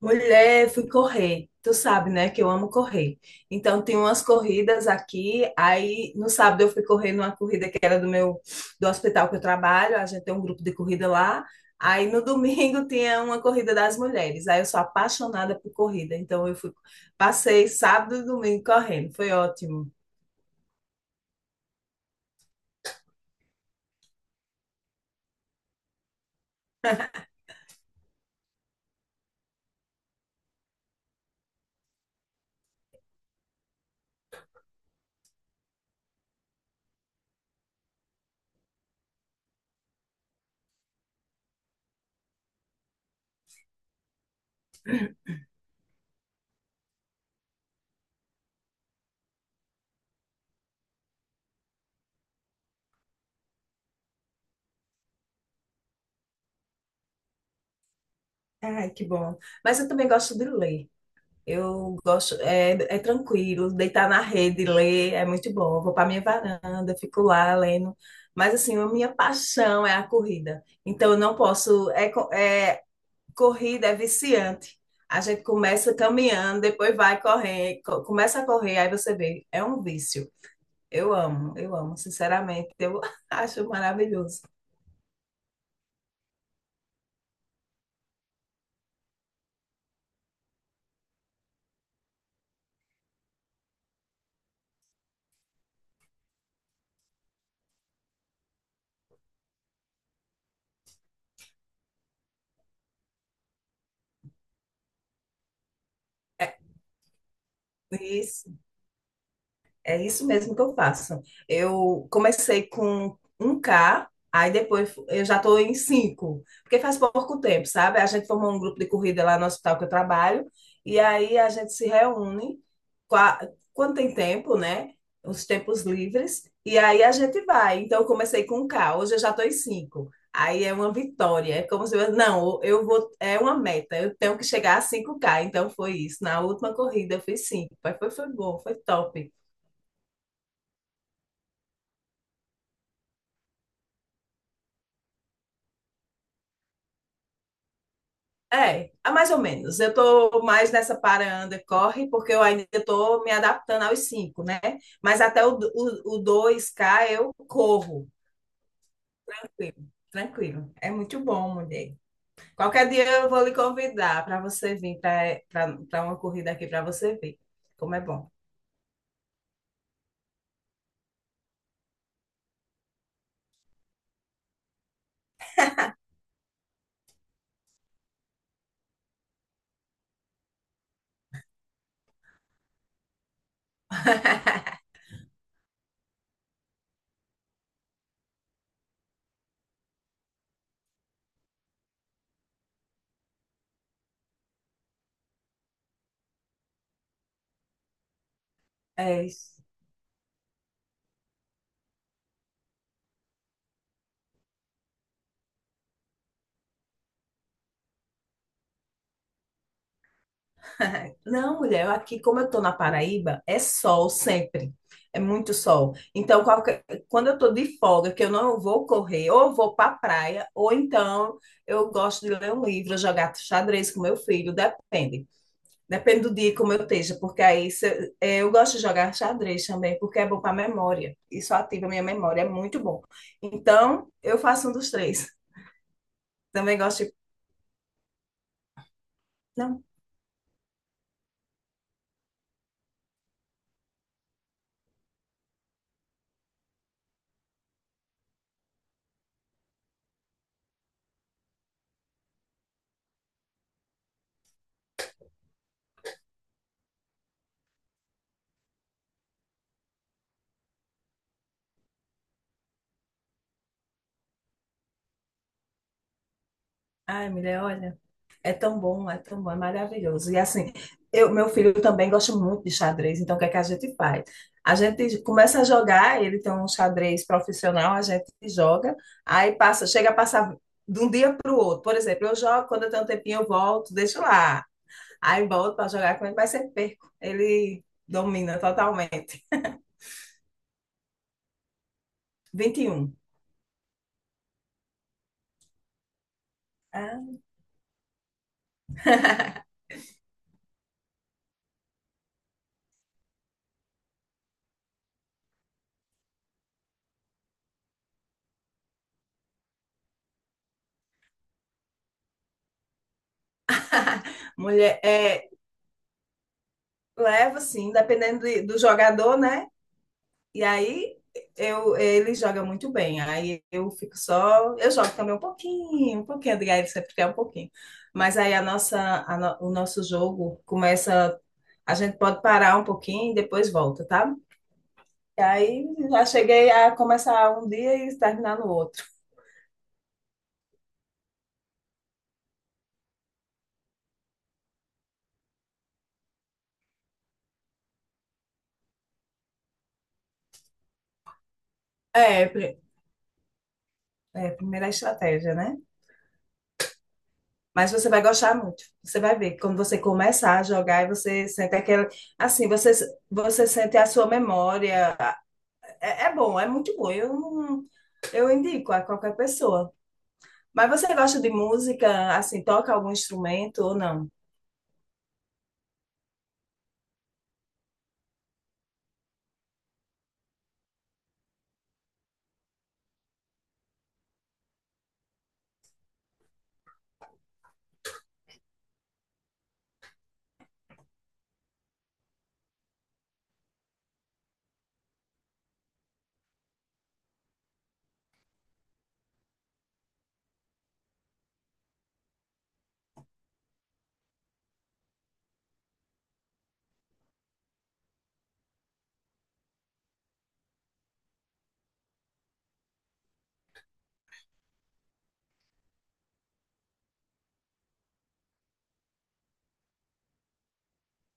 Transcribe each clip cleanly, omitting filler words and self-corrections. Mulher, fui correr. Tu sabe, né, que eu amo correr. Então, tem umas corridas aqui. Aí, no sábado, eu fui correr numa corrida que era do meu, do hospital que eu trabalho. A gente tem um grupo de corrida lá. Aí, no domingo, tinha uma corrida das mulheres. Aí, eu sou apaixonada por corrida. Então, eu fui, passei sábado e domingo correndo. Foi ótimo. Ai, que bom. Mas eu também gosto de ler. Eu gosto, é, é tranquilo, deitar na rede, ler, é muito bom. Eu vou para minha varanda, fico lá lendo. Mas assim, a minha paixão é a corrida. Então eu não posso, corrida é viciante. A gente começa caminhando, depois vai correr, começa a correr, aí você vê, é um vício. Eu amo, sinceramente, eu acho maravilhoso. É. Isso. É isso mesmo que eu faço. Eu comecei com um k, aí depois eu já estou em 5, porque faz pouco tempo, sabe? A gente formou um grupo de corrida lá no hospital que eu trabalho, e aí a gente se reúne qua- quando tem tempo, né? Os tempos livres, e aí a gente vai. Então eu comecei com um k, hoje eu já estou em 5. Aí é uma vitória, é como se eu, não, eu vou, é uma meta, eu tenho que chegar a cinco k, então foi isso. Na última corrida eu fiz 5, mas foi, foi bom, foi top. É, é mais ou menos. Eu estou mais nessa para, anda, corre, porque eu ainda estou me adaptando aos cinco, né? Mas até o 2K eu corro. Tranquilo, tranquilo. É muito bom, mulher. Qualquer dia eu vou lhe convidar para você vir para uma corrida aqui para você ver como é bom. É isso. É. Não, mulher, aqui como eu tô na Paraíba, é sol sempre. É muito sol. Então, quando eu tô de folga, que eu não vou correr, ou eu vou pra praia, ou então eu gosto de ler um livro, jogar xadrez com meu filho, depende. Depende do dia como eu esteja, porque aí eu gosto de jogar xadrez também, porque é bom pra memória. Isso ativa a minha memória, é muito bom. Então, eu faço um dos três. Também gosto de... Não, ai, mulher, olha. É tão bom, é tão bom, é maravilhoso. E assim, eu, meu filho também gosta muito de xadrez, então o que é que a gente faz? A gente começa a jogar, ele tem um xadrez profissional, a gente joga, aí passa, chega a passar de um dia para o outro. Por exemplo, eu jogo, quando eu tenho um tempinho, eu volto, deixo lá. Aí volto para jogar com ele, mas sempre perco. Ele domina totalmente. 21. Ah. Mulher, é, leva assim, dependendo do jogador, né? E aí eu, ele joga muito bem. Aí eu fico só. Eu jogo também um pouquinho, Adriana, ele sempre quer um pouquinho. Mas aí a nossa, a no- o nosso jogo começa. A gente pode parar um pouquinho e depois volta, tá? E aí já cheguei a começar um dia e terminar no outro. É, pri- é, primeira estratégia, né? Mas você vai gostar muito. Você vai ver. Quando você começar a jogar, aí você sente aquela. Assim, você, você sente a sua memória. É, é bom, é muito bom. Eu, não- eu indico a qualquer pessoa. Mas você gosta de música, assim, toca algum instrumento ou não?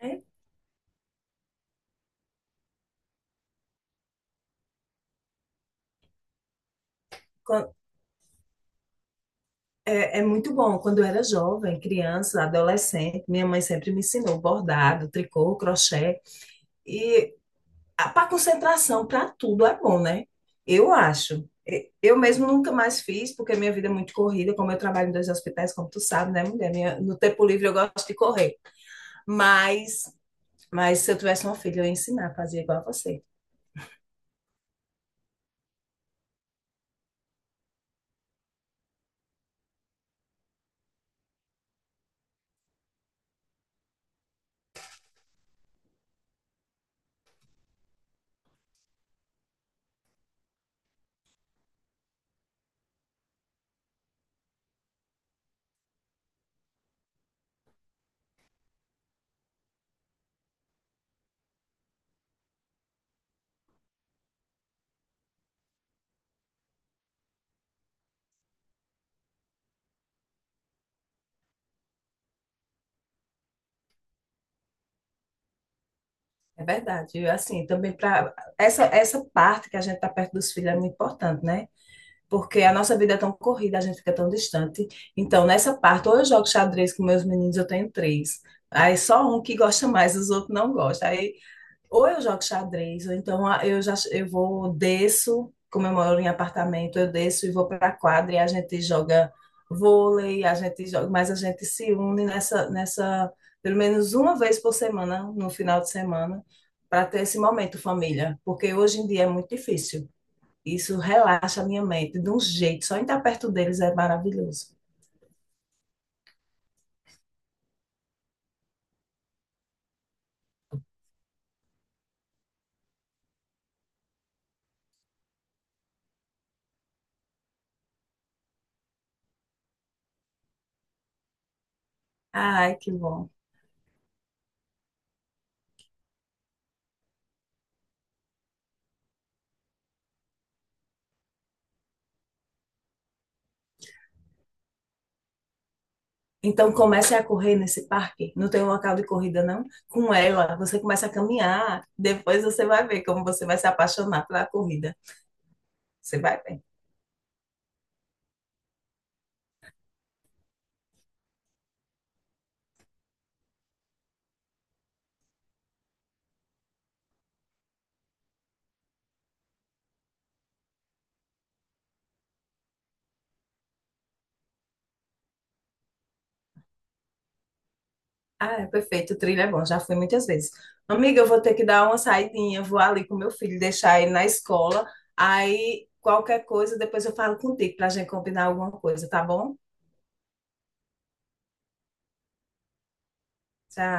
É, quan- é, é muito bom. Quando eu era jovem, criança, adolescente, minha mãe sempre me ensinou bordado, tricô, crochê. E para concentração, para tudo é bom, né? Eu acho. Eu mesmo nunca mais fiz, porque minha vida é muito corrida, como eu trabalho em dois hospitais, como tu sabe, né, mulher? Minha, no tempo livre eu gosto de correr. Mas Mas se eu tivesse uma filha, eu ia ensinar a fazer igual a você. É verdade. Eu, assim, também para essa parte que a gente está perto dos filhos é muito importante, né? Porque a nossa vida é tão corrida, a gente fica tão distante. Então, nessa parte, ou eu jogo xadrez com meus meninos, eu tenho três. Aí só um que gosta mais, os outros não gostam. Aí ou eu jogo xadrez, ou então ah, eu já eu vou, desço, como eu moro em apartamento, eu desço e vou para a quadra e a gente joga vôlei, a gente joga, mas a gente se une nessa, nessa pelo menos uma vez por semana, no final de semana, para ter esse momento família, porque hoje em dia é muito difícil. Isso relaxa a minha mente de um jeito, só em estar perto deles é maravilhoso. Ai, que bom. Então comece a correr nesse parque. Não tem um local de corrida, não? Com ela, você começa a caminhar. Depois você vai ver como você vai se apaixonar pela corrida. Você vai ver. Ah, é perfeito. O trilho é bom. Já fui muitas vezes. Amiga, eu vou ter que dar uma saidinha. Vou ali com meu filho, deixar ele na escola. Aí qualquer coisa, depois eu falo contigo para gente combinar alguma coisa, tá bom? Tchau.